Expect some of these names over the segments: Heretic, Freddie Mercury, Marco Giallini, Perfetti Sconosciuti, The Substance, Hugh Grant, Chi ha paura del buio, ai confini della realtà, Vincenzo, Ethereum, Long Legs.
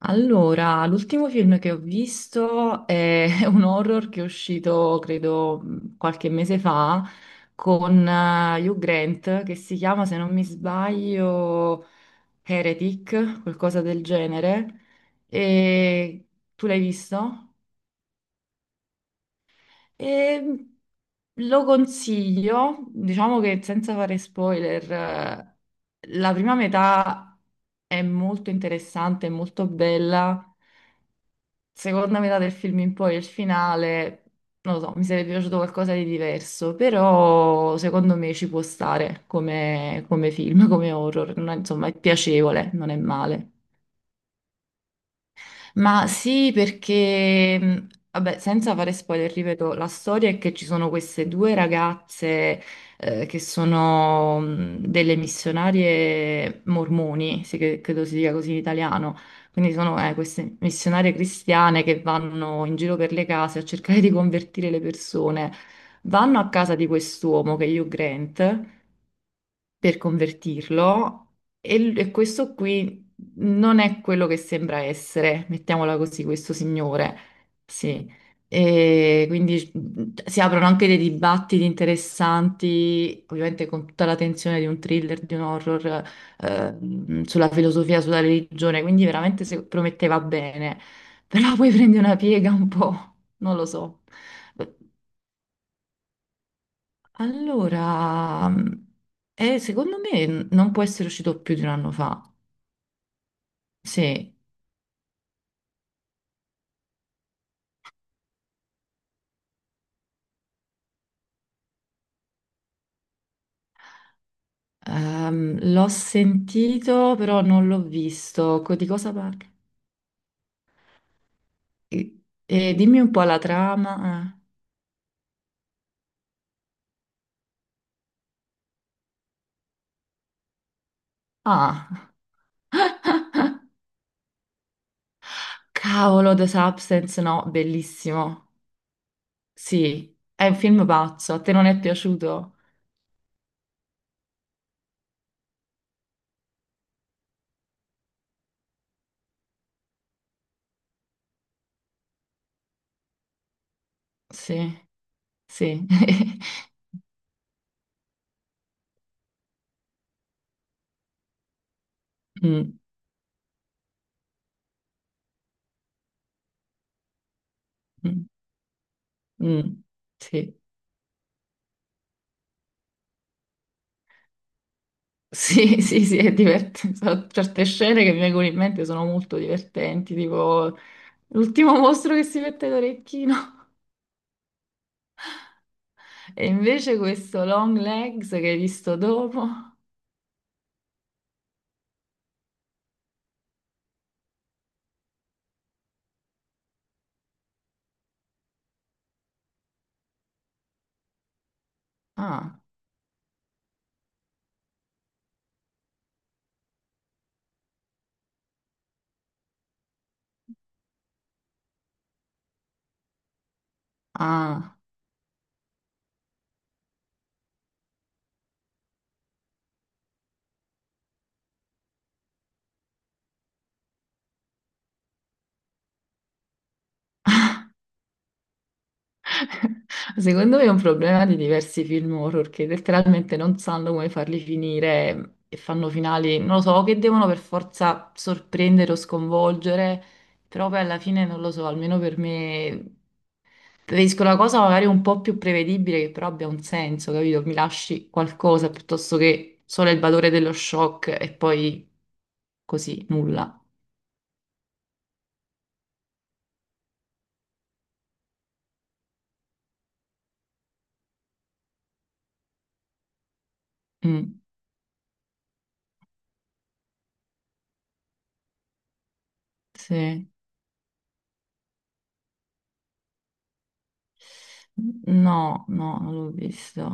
Allora, l'ultimo film che ho visto è un horror che è uscito, credo, qualche mese fa con Hugh Grant, che si chiama, se non mi sbaglio, Heretic, qualcosa del genere. E tu l'hai visto? E mm, Lo consiglio, diciamo che senza fare spoiler, la prima metà è molto interessante, è molto bella. Seconda metà del film in poi, il finale, non lo so, mi sarebbe piaciuto qualcosa di diverso, però secondo me ci può stare come, come film, come horror. Non è- Insomma è piacevole, non è male. Ma sì, perché, vabbè, senza fare spoiler, ripeto, la storia è che ci sono queste due ragazze che sono delle missionarie mormoni, sì, credo si dica così in italiano, quindi sono queste missionarie cristiane che vanno in giro per le case a cercare di convertire le persone. Vanno a casa di quest'uomo che è Hugh Grant per convertirlo e, e questo qui non è quello che sembra essere, mettiamola così, questo signore. Sì. E quindi si aprono anche dei dibattiti interessanti, ovviamente con tutta la tensione di un thriller, di un horror, sulla filosofia, sulla religione, quindi veramente se prometteva bene, però poi prende una piega un po', non lo so. Allora, secondo me non può essere uscito più di un anno fa. Sì, l'ho sentito, però non l'ho visto. Di cosa parla? E, e dimmi un po' la trama. Ah, cavolo, The Substance, no, bellissimo. Sì, è un film pazzo. A te non è piaciuto? Sì, sì. Mm, mm, mm, sì. Sì, sì, sì, è divertente. Sono certe scene che mi vengono in mente sono molto divertenti, tipo l'ultimo mostro che si mette l'orecchino. E invece questo Long Legs che hai visto dopo. Ah, ah. Secondo me è un problema di diversi film horror che letteralmente non sanno come farli finire e fanno finali, non lo so, che devono per forza sorprendere o sconvolgere, però poi alla fine non lo so, almeno per me preferisco la cosa magari un po' più prevedibile che però abbia un senso, capito? Mi lasci qualcosa piuttosto che solo il valore dello shock e poi così, nulla. Mm, sì. No, no, non l'ho visto.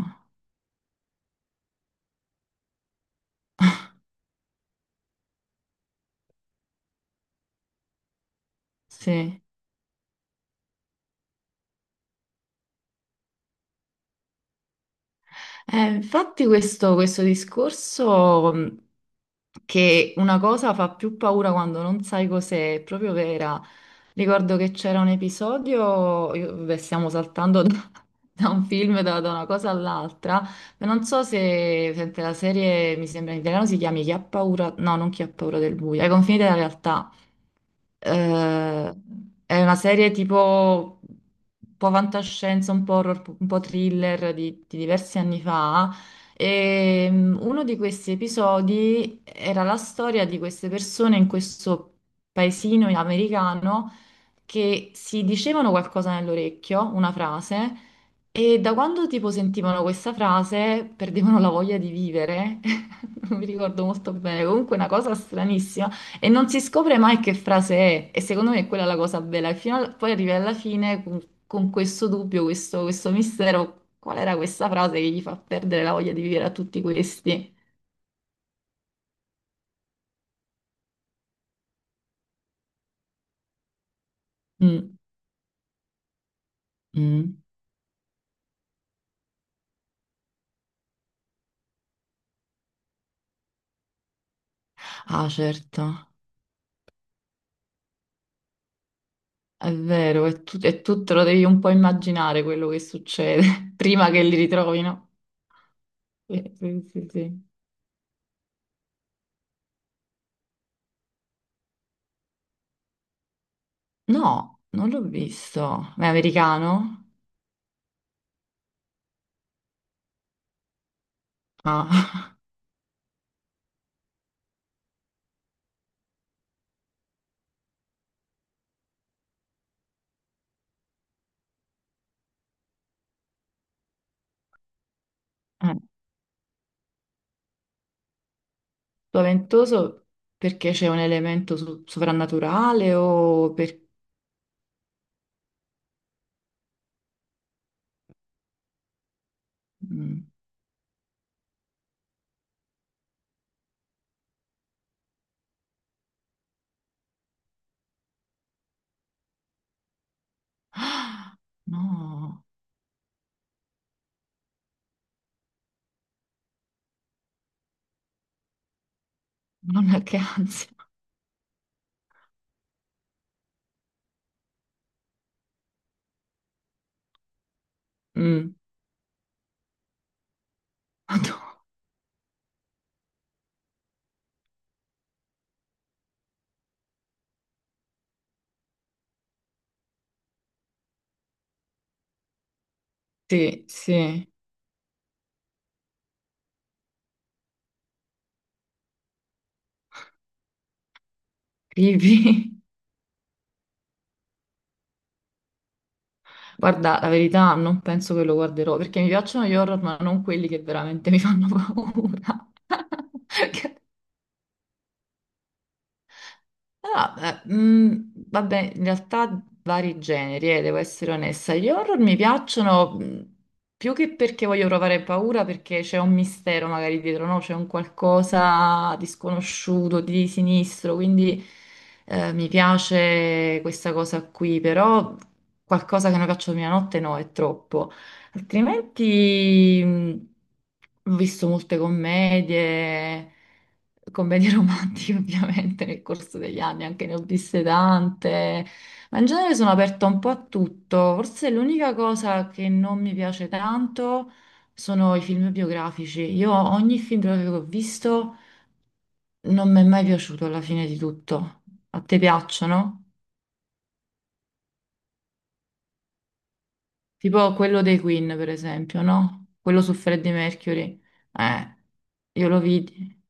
Sì. Infatti questo, questo discorso che una cosa fa più paura quando non sai cos'è, è proprio vera. Ricordo che c'era un episodio, beh, stiamo saltando da, da un film, da, da una cosa all'altra, ma non so se, sempre la serie, mi sembra in italiano, si chiami "Chi ha paura", no, non "Chi ha paura del buio", "Ai confini della realtà". Eh, è una serie tipo un po' fantascienza, un po' horror, un po' thriller di diversi anni fa. E uno di questi episodi era la storia di queste persone in questo paesino americano che si dicevano qualcosa nell'orecchio, una frase, e da quando tipo sentivano questa frase perdevano la voglia di vivere. Non mi ricordo molto bene, comunque una cosa stranissima. E non si scopre mai che frase è, e secondo me è quella la cosa bella. E poi arrivi alla fine con questo dubbio, questo mistero, qual era questa frase che gli fa perdere la voglia di vivere a tutti questi? Mm, mm. Ah, certo, è vero, e tu te lo devi un po' immaginare quello che succede prima che li ritrovino. Sì, sì, sì, sì. No, non l'ho visto. Ma è americano? Ah. Spaventoso perché c'è un elemento sovrannaturale o per... Mm. No, nonna che ansia. Mm. Madò. Sì, sì, creepy. Guarda, la verità, non penso che lo guarderò perché mi piacciono gli horror, ma non quelli che veramente mi fanno paura. Ah, beh, vabbè, in realtà vari generi, devo essere onesta. Gli horror mi piacciono più che perché voglio provare paura, perché c'è un mistero magari dietro, no? C'è un qualcosa di sconosciuto, di sinistro, quindi mi piace questa cosa qui, però qualcosa che non faccio mia notte no, è troppo. Altrimenti, ho visto molte commedie romantiche ovviamente nel corso degli anni, anche ne ho viste tante, ma in genere sono aperta un po' a tutto. Forse l'unica cosa che non mi piace tanto sono i film biografici. Io ogni film biografico che ho visto non mi è mai piaciuto alla fine di tutto. A te piacciono? Tipo quello dei Queen, per esempio, no? Quello su Freddie Mercury. Eh, io lo vidi.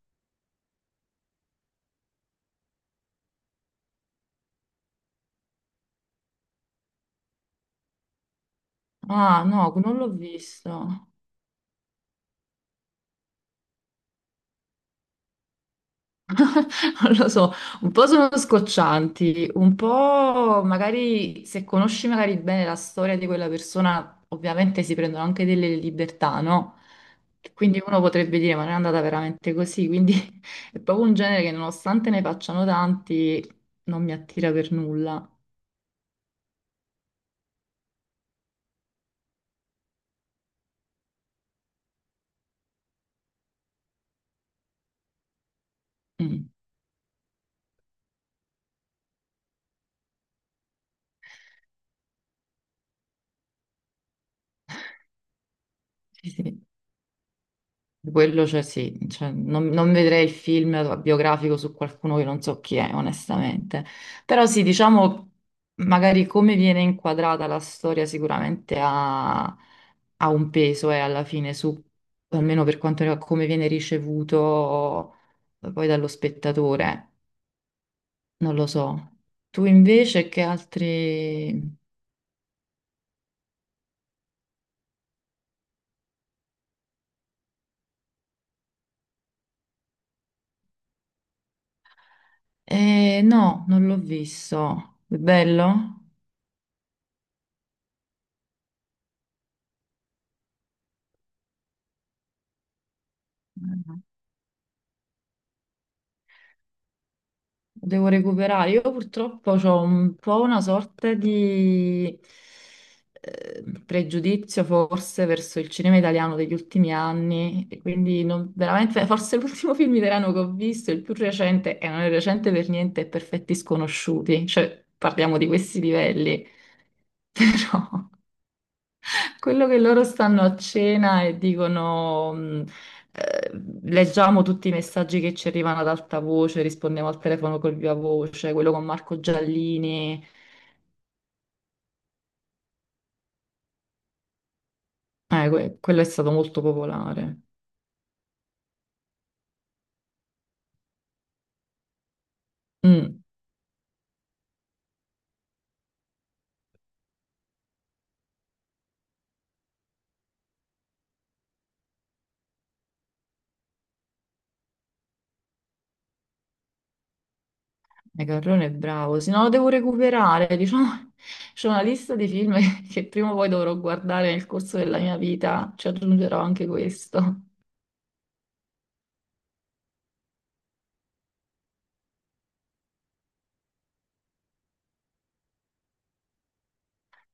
Ah, no, non l'ho visto. Non lo so, un po' sono scoccianti, un po' magari se conosci magari bene la storia di quella persona, ovviamente si prendono anche delle libertà, no? Quindi uno potrebbe dire, ma non è andata veramente così, quindi è proprio un genere che nonostante ne facciano tanti, non mi attira per nulla. Mm, sì, sì. Quello, cioè, sì, cioè, non, non vedrei il film biografico su qualcuno che non so chi è, onestamente. Però sì, diciamo, magari come viene inquadrata la storia sicuramente ha, ha un peso e alla fine su, almeno per quanto riguarda come viene ricevuto poi dallo spettatore, non lo so. Tu invece che altri... no, non l'ho visto. È bello? Devo recuperare. Io purtroppo ho un po' una sorta di pregiudizio forse verso il cinema italiano degli ultimi anni e quindi veramente forse l'ultimo film italiano che ho visto, il più recente, e non è recente per niente, è Perfetti Sconosciuti, cioè parliamo di questi livelli, però quello che loro stanno a cena e dicono, eh, leggiamo tutti i messaggi che ci arrivano ad alta voce, rispondiamo al telefono col viva voce, quello con Marco Giallini, quello è stato molto popolare. Mm, e Carrone è bravo, se no lo devo recuperare, diciamo, c'è una lista di film che prima o poi dovrò guardare nel corso della mia vita, ci aggiungerò anche questo.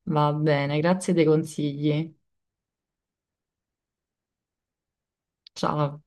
Va bene, grazie dei consigli. Ciao.